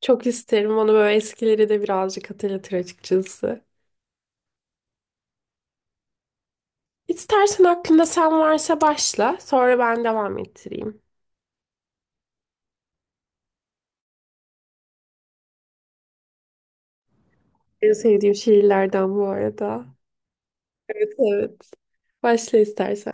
Çok isterim onu, böyle eskileri de birazcık hatırlatır açıkçası. İstersen aklında sen varsa başla, sonra ben devam ettireyim. En sevdiğim şiirlerden bu arada. Evet, evet. Başla istersen.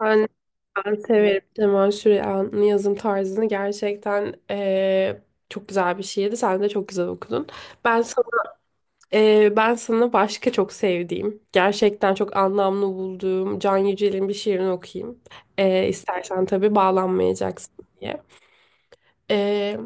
Ben, ben severim Cemal Süreyya'nın yazım tarzını. Gerçekten çok güzel bir şiirdi. Sen de çok güzel okudun. Ben sana ben sana başka çok sevdiğim, gerçekten çok anlamlı bulduğum Can Yücel'in bir şiirini okuyayım. İstersen tabii, bağlanmayacaksın diye. Ee,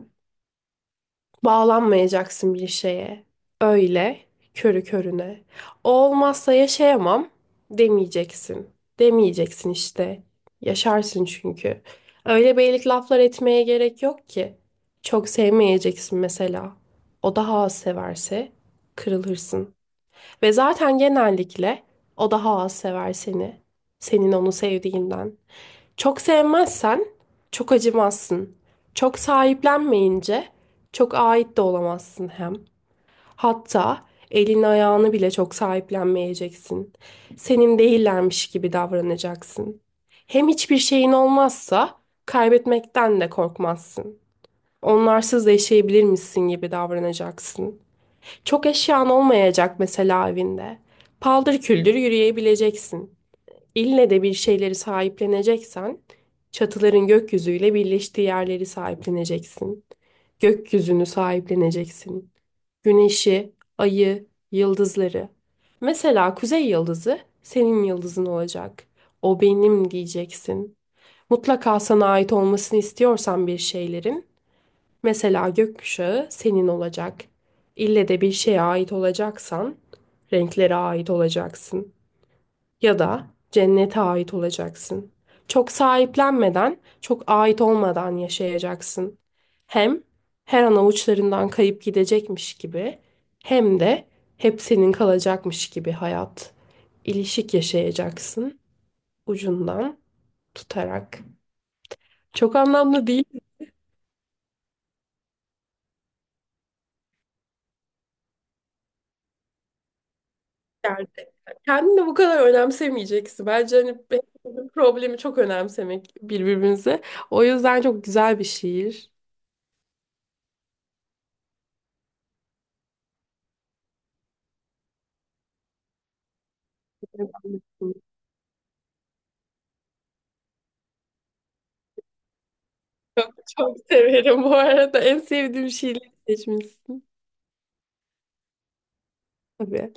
Bağlanmayacaksın bir şeye. Öyle, körü körüne. O olmazsa yaşayamam demeyeceksin. Demeyeceksin işte. Yaşarsın çünkü. Öyle beylik laflar etmeye gerek yok ki. Çok sevmeyeceksin mesela. O daha az severse kırılırsın. Ve zaten genellikle o daha az sever seni. Senin onu sevdiğinden. Çok sevmezsen çok acımazsın. Çok sahiplenmeyince çok ait de olamazsın hem. Hatta elini ayağını bile çok sahiplenmeyeceksin. Senin değillermiş gibi davranacaksın. Hem hiçbir şeyin olmazsa kaybetmekten de korkmazsın. Onlarsız yaşayabilir misin gibi davranacaksın. Çok eşyan olmayacak mesela evinde. Paldır küldür yürüyebileceksin. İlle de bir şeyleri sahipleneceksen, çatıların gökyüzüyle birleştiği yerleri sahipleneceksin. Gökyüzünü sahipleneceksin. Güneşi, ayı, yıldızları. Mesela kuzey yıldızı senin yıldızın olacak. O benim diyeceksin. Mutlaka sana ait olmasını istiyorsan bir şeylerin, mesela gökkuşağı senin olacak. İlle de bir şeye ait olacaksan renklere ait olacaksın. Ya da cennete ait olacaksın. Çok sahiplenmeden, çok ait olmadan yaşayacaksın. Hem her an avuçlarından kayıp gidecekmiş gibi, hem de hep senin kalacakmış gibi hayat. İlişik yaşayacaksın, ucundan tutarak. Çok anlamlı değil mi yani? Kendini bu kadar önemsemeyeceksin. Bence hani hepimizin problemi çok önemsemek birbirimize. O yüzden çok güzel bir şiir. Çok, çok severim bu arada. En sevdiğim şiirleri seçmişsin. Tabii.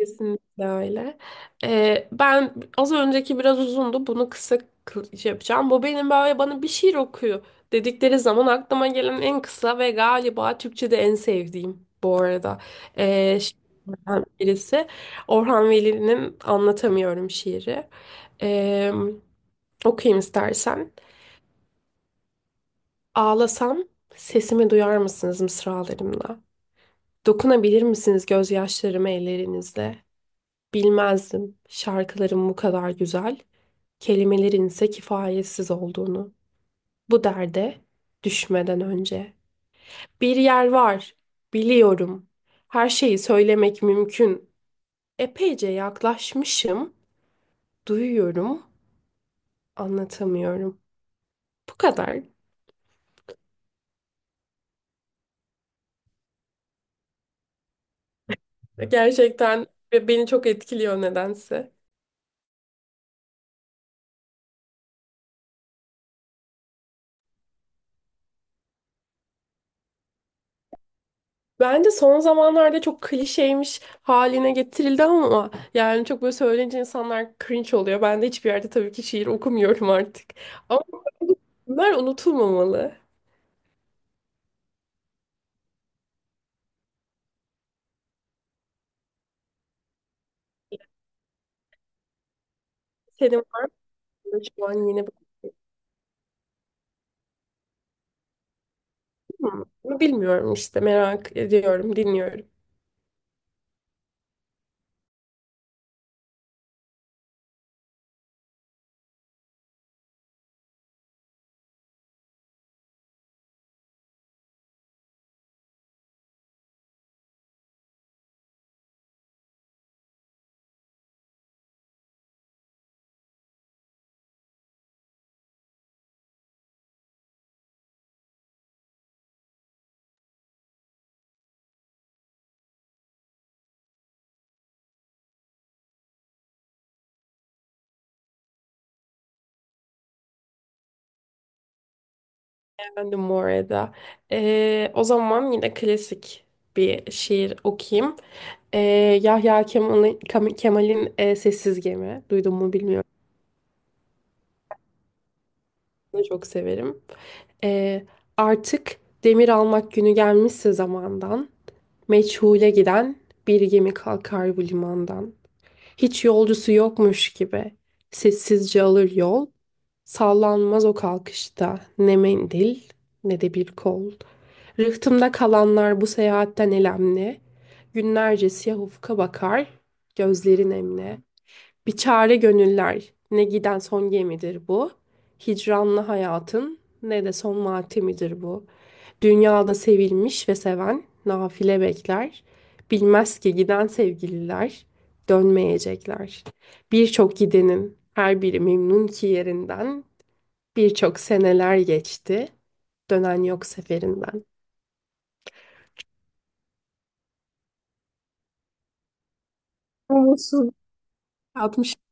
Kesinlikle öyle. Ben az önceki biraz uzundu. Bunu kısa şey yapacağım. Bu benim, böyle bana bir şiir okuyor dedikleri zaman aklıma gelen en kısa ve galiba Türkçe'de en sevdiğim bu arada. Şiirlerden birisi Orhan Veli'nin Anlatamıyorum şiiri. Ee, Okuyayım istersen. Ağlasam sesimi duyar mısınız mısralarımla? Dokunabilir misiniz gözyaşlarıma ellerinizle? Bilmezdim şarkıların bu kadar güzel, kelimelerin ise kifayetsiz olduğunu. Bu derde düşmeden önce. Bir yer var, biliyorum. Her şeyi söylemek mümkün. Epeyce yaklaşmışım, duyuyorum, anlatamıyorum. Bu kadar. Gerçekten, ve beni çok etkiliyor nedense. Bence son zamanlarda çok klişeymiş haline getirildi ama yani çok böyle söyleyince insanlar cringe oluyor. Ben de hiçbir yerde tabii ki şiir okumuyorum artık. Ama bunlar unutulmamalı. Senin var mı şu an yeni bir... Ama bilmiyorum işte, merak ediyorum, dinliyorum. Efendim Moreda. O zaman yine klasik bir şiir okuyayım. Ee, Yahya Kemal'in, Sessiz Gemi. Duydun mu bilmiyorum. Bunu çok severim. Ee, Artık demir almak günü gelmişse zamandan, meçhule giden bir gemi kalkar bu limandan. Hiç yolcusu yokmuş gibi sessizce alır yol, sallanmaz o kalkışta ne mendil ne de bir kol. Rıhtımda kalanlar bu seyahatten elemli, günlerce siyah ufka bakar, gözleri nemli. Bir çare gönüller, ne giden son gemidir bu. Hicranlı hayatın, ne de son matemidir bu. Dünyada sevilmiş ve seven, nafile bekler. Bilmez ki giden sevgililer, dönmeyecekler. Birçok gidenin, her biri memnun ki yerinden. Birçok seneler geçti, dönen yok seferinden. Olumsuz 60'tan.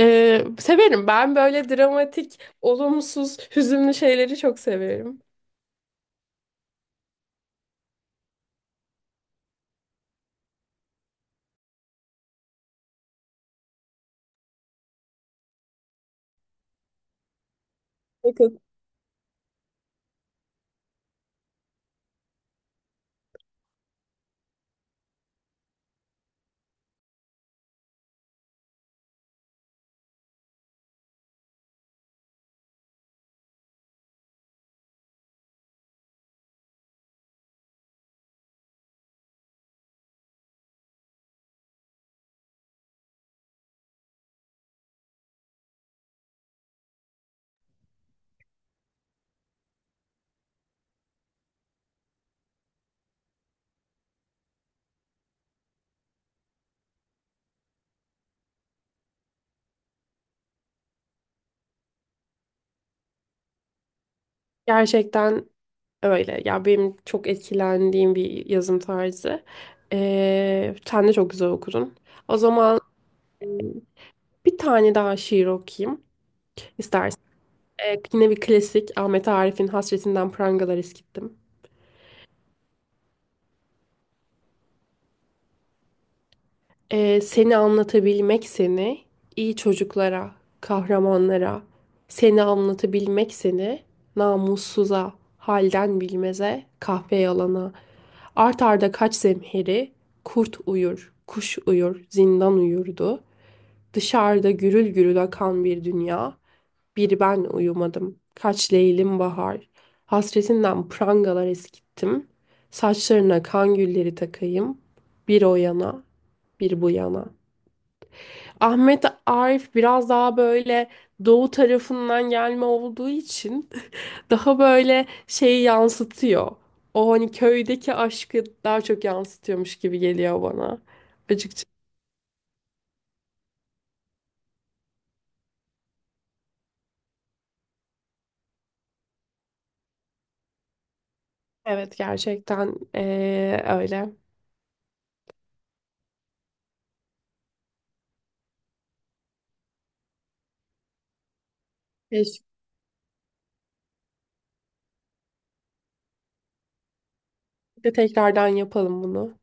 Severim. Ben böyle dramatik, olumsuz, hüzünlü şeyleri çok severim. Bakın, gerçekten öyle. Ya benim çok etkilendiğim bir yazım tarzı. Sen de çok güzel okudun. O zaman, e, bir tane daha şiir okuyayım istersen. Yine bir klasik, Ahmet Arif'in Hasretinden Prangalar Eskittim. Seni anlatabilmek seni, iyi çocuklara, kahramanlara, seni anlatabilmek seni, namussuza, halden bilmeze, kahpe yalana, art arda kaç zemheri, kurt uyur, kuş uyur, zindan uyurdu, dışarıda gürül gürül akan bir dünya, bir ben uyumadım, kaç leylim bahar, hasretinden prangalar eskittim, saçlarına kan gülleri takayım, bir o yana, bir bu yana. Ahmet Arif biraz daha böyle doğu tarafından gelme olduğu için daha böyle şeyi yansıtıyor. O hani köydeki aşkı daha çok yansıtıyormuş gibi geliyor bana. Açıkçası evet, gerçekten öyle. Keşke tekrardan yapalım bunu.